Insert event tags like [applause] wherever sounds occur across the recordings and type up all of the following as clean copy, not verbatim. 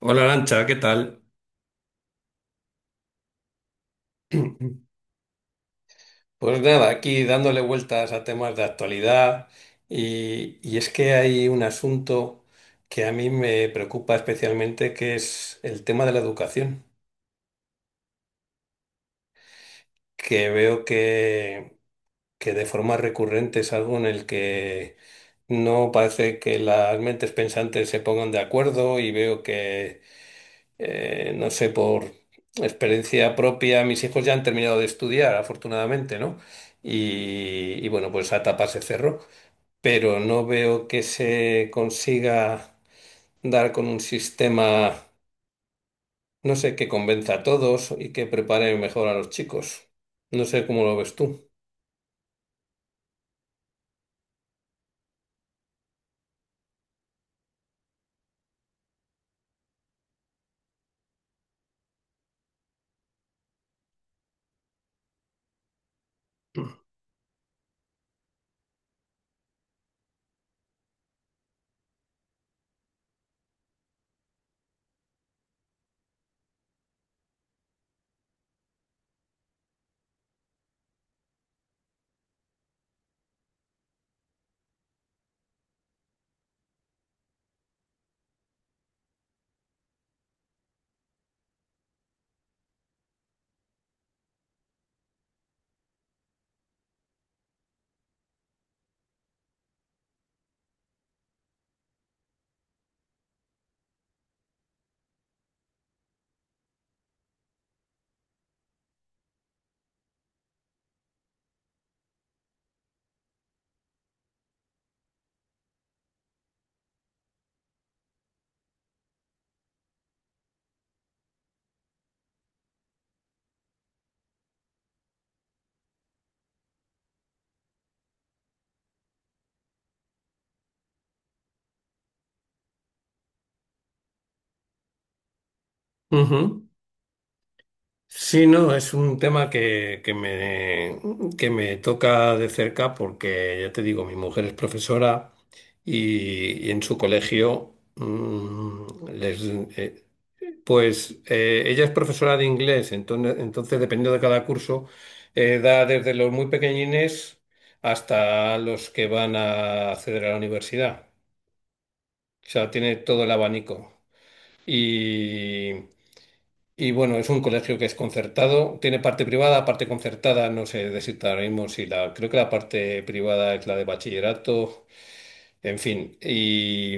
Hola Lancha, ¿qué tal? [clears throat] Pues nada, aquí dándole vueltas a temas de actualidad y es que hay un asunto que a mí me preocupa especialmente, que es el tema de la educación, que veo que de forma recurrente es algo en el que no parece que las mentes pensantes se pongan de acuerdo y veo que no sé, por experiencia propia, mis hijos ya han terminado de estudiar, afortunadamente, ¿no? Y bueno, pues esa etapa se cerró, pero no veo que se consiga dar con un sistema, no sé, que convenza a todos y que prepare mejor a los chicos. No sé cómo lo ves tú. Ujú. Sí, no, es un tema que me toca de cerca porque, ya te digo, mi mujer es profesora y en su colegio, les, eh, pues ella es profesora de inglés, entonces dependiendo de cada curso, da desde los muy pequeñines hasta los que van a acceder a la universidad. O sea, tiene todo el abanico. Y bueno, es un colegio que es concertado, tiene parte privada, parte concertada, no sé decirte ahora mismo si la, creo que la parte privada es la de bachillerato, en fin,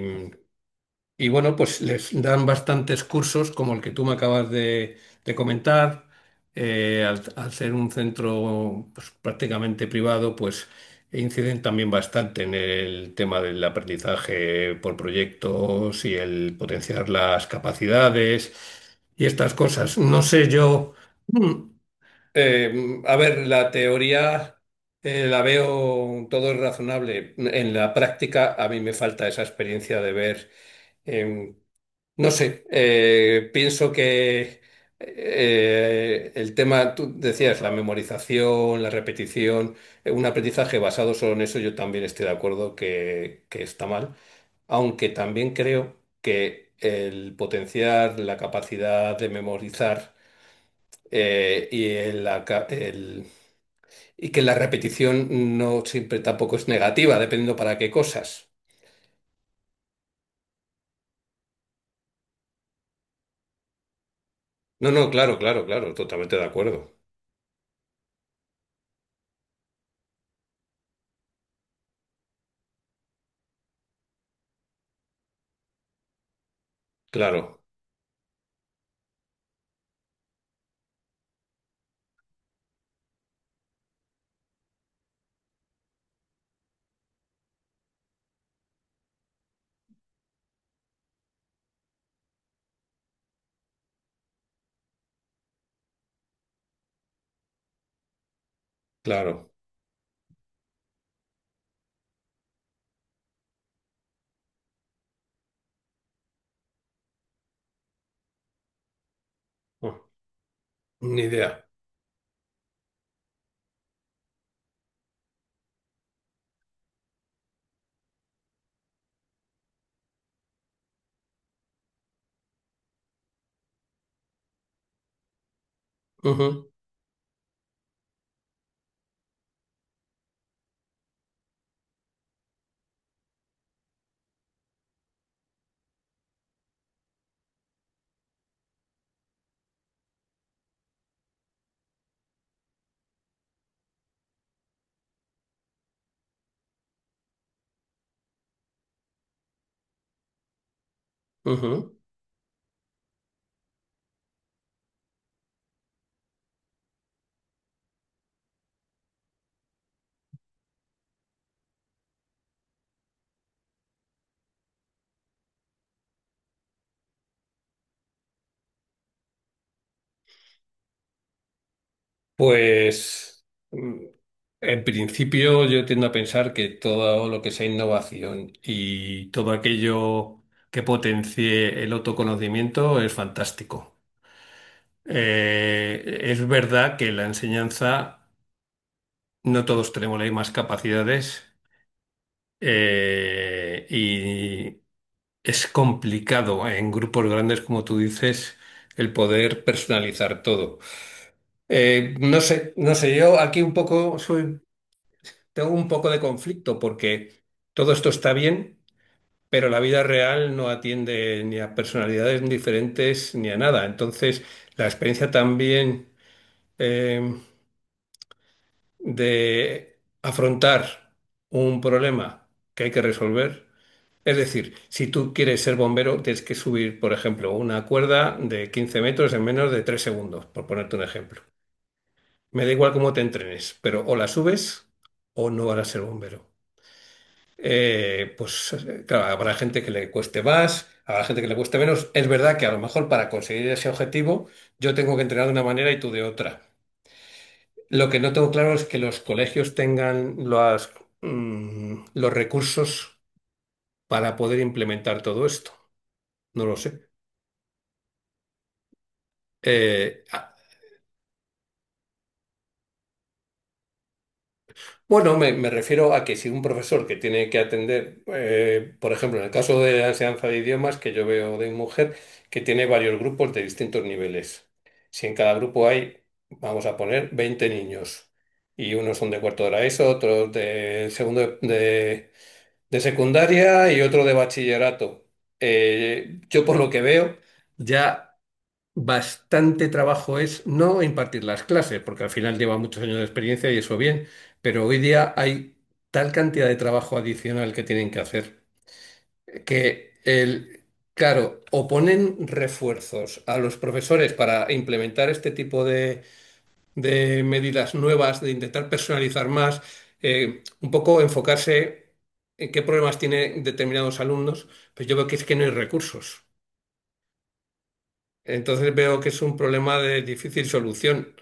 y bueno, pues les dan bastantes cursos, como el que tú me acabas de comentar. Al ser un centro pues, prácticamente privado, pues inciden también bastante en el tema del aprendizaje por proyectos y el potenciar las capacidades y estas cosas. No sé yo. mm, a ver, la teoría la veo todo es razonable. En la práctica, a mí me falta esa experiencia de ver no sé, pienso que el tema, tú decías, la memorización, la repetición, un aprendizaje basado solo en eso, yo también estoy de acuerdo que está mal, aunque también creo que el potenciar la capacidad de memorizar eh, y, el aca- el- y que la repetición no siempre tampoco es negativa, dependiendo para qué cosas. No, no, claro, claro, claro, totalmente de acuerdo. Claro, claro. Ni idea. Ujú, ujú. Pues mm, en principio yo tiendo a pensar que todo lo que sea innovación y todo aquello que potencie el autoconocimiento es fantástico. Es verdad que la enseñanza no todos tenemos las mismas capacidades y es complicado en grupos grandes, como tú dices, el poder personalizar todo. No sé, no sé, yo aquí un poco soy, tengo un poco de conflicto porque todo esto está bien, pero la vida real no atiende ni a personalidades diferentes ni a nada. Entonces, la experiencia también eh, de afrontar un problema que hay que resolver. Es decir, si tú quieres ser bombero, tienes que subir, por ejemplo, una cuerda de 15 metros en menos de 3 segundos, por ponerte un ejemplo. Me da igual cómo te entrenes, pero o la subes o no vas a ser bombero. Claro, habrá gente que le cueste más, habrá gente que le cueste menos. Es verdad que a lo mejor para conseguir ese objetivo yo tengo que entrenar de una manera y tú de otra. Lo que no tengo claro es que los colegios tengan los recursos para poder implementar todo esto. No lo sé. Eh, Bueno, me refiero a que si un profesor que tiene que atender, por ejemplo, en el caso de la enseñanza de idiomas que yo veo de mujer, que tiene varios grupos de distintos niveles. Si en cada grupo hay, vamos a poner, 20 niños, y unos son de cuarto de la ESO, otros de segundo de secundaria y otro de bachillerato. Yo por lo que veo, ya... Bastante trabajo es no impartir las clases, porque al final lleva muchos años de experiencia y eso bien, pero hoy día hay tal cantidad de trabajo adicional que tienen que hacer que el, claro, o ponen refuerzos a los profesores para implementar este tipo de medidas nuevas, de intentar personalizar más, un poco enfocarse en qué problemas tienen determinados alumnos, pues yo veo que es que no hay recursos. Entonces veo que es un problema de difícil solución.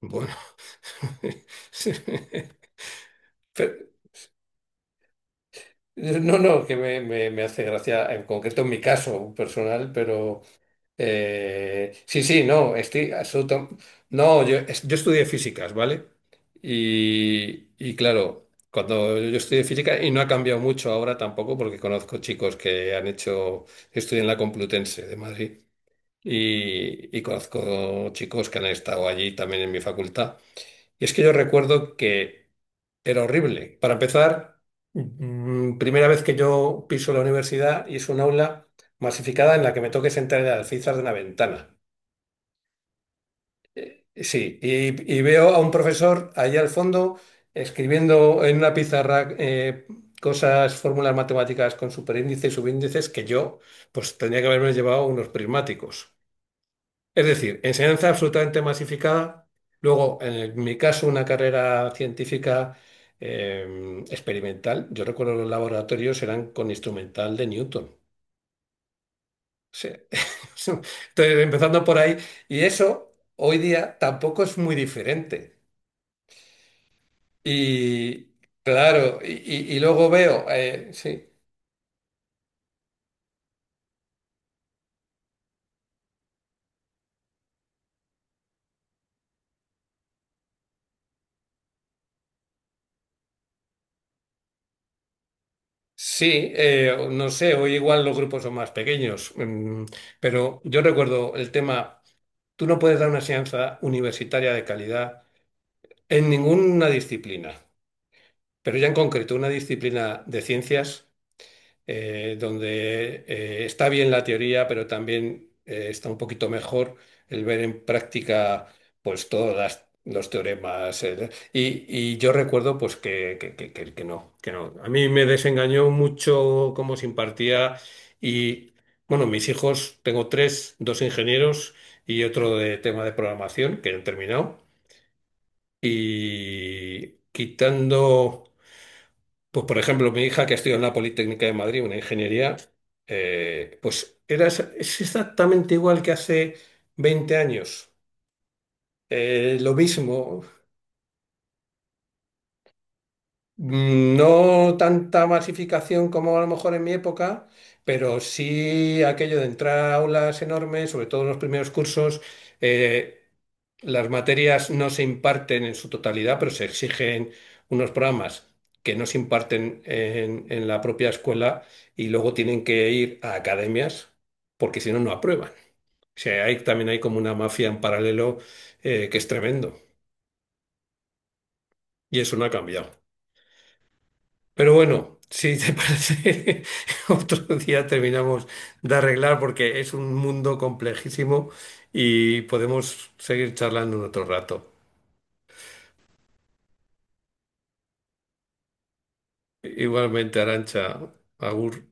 Bueno, [laughs] pero- no, no, me hace gracia, en concreto en mi caso personal, pero sí, sí, no, estoy absoluto. No, yo, yo estudié físicas, ¿vale? Y claro, cuando yo estudié física, y no ha cambiado mucho ahora tampoco, porque conozco chicos que han hecho, estudian en la Complutense de Madrid, y conozco chicos que han estado allí también en mi facultad. Y es que yo recuerdo que. Era horrible. Para empezar, primera vez que yo piso la universidad y es un aula masificada en la que me toque sentar en el alféizar de una ventana. Sí, y veo a un profesor allá al fondo escribiendo en una pizarra cosas, fórmulas matemáticas con superíndices y subíndices que yo pues tendría que haberme llevado unos prismáticos. Es decir, enseñanza absolutamente masificada. Luego, mi caso, una carrera científica experimental. Yo recuerdo los laboratorios eran con instrumental de Newton. O [laughs] Entonces, empezando por ahí. Y eso, hoy día, tampoco es muy diferente. Y y luego veo, sí. Sí, no sé, hoy igual los grupos son más pequeños, pero yo recuerdo el tema. Tú no puedes dar una enseñanza universitaria de calidad en ninguna disciplina, pero ya en concreto una disciplina de ciencias donde está bien la teoría, pero también está un poquito mejor el ver en práctica pues los teoremas. Y yo recuerdo pues que no, que no. A mí me desengañó mucho cómo se impartía y bueno, mis hijos, tengo tres, dos ingenieros y otro de tema de programación que han terminado. Y quitando... Pues, por ejemplo, mi hija que estudia en la Politécnica de Madrid, una ingeniería, pues era, es exactamente igual que hace 20 años. Lo mismo. No tanta masificación como a lo mejor en mi época, pero sí aquello de entrar a aulas enormes, sobre todo en los primeros cursos. eh, las materias no se imparten en su totalidad, pero se exigen unos programas que no se imparten en la propia escuela y luego tienen que ir a academias porque si no, no aprueban. O sea, hay, también hay como una mafia en paralelo que es tremendo y eso no ha cambiado. Pero bueno, si te [laughs] parece, otro día terminamos de arreglar porque es un mundo complejísimo y podemos seguir charlando en otro rato. Igualmente, Arancha, Agur.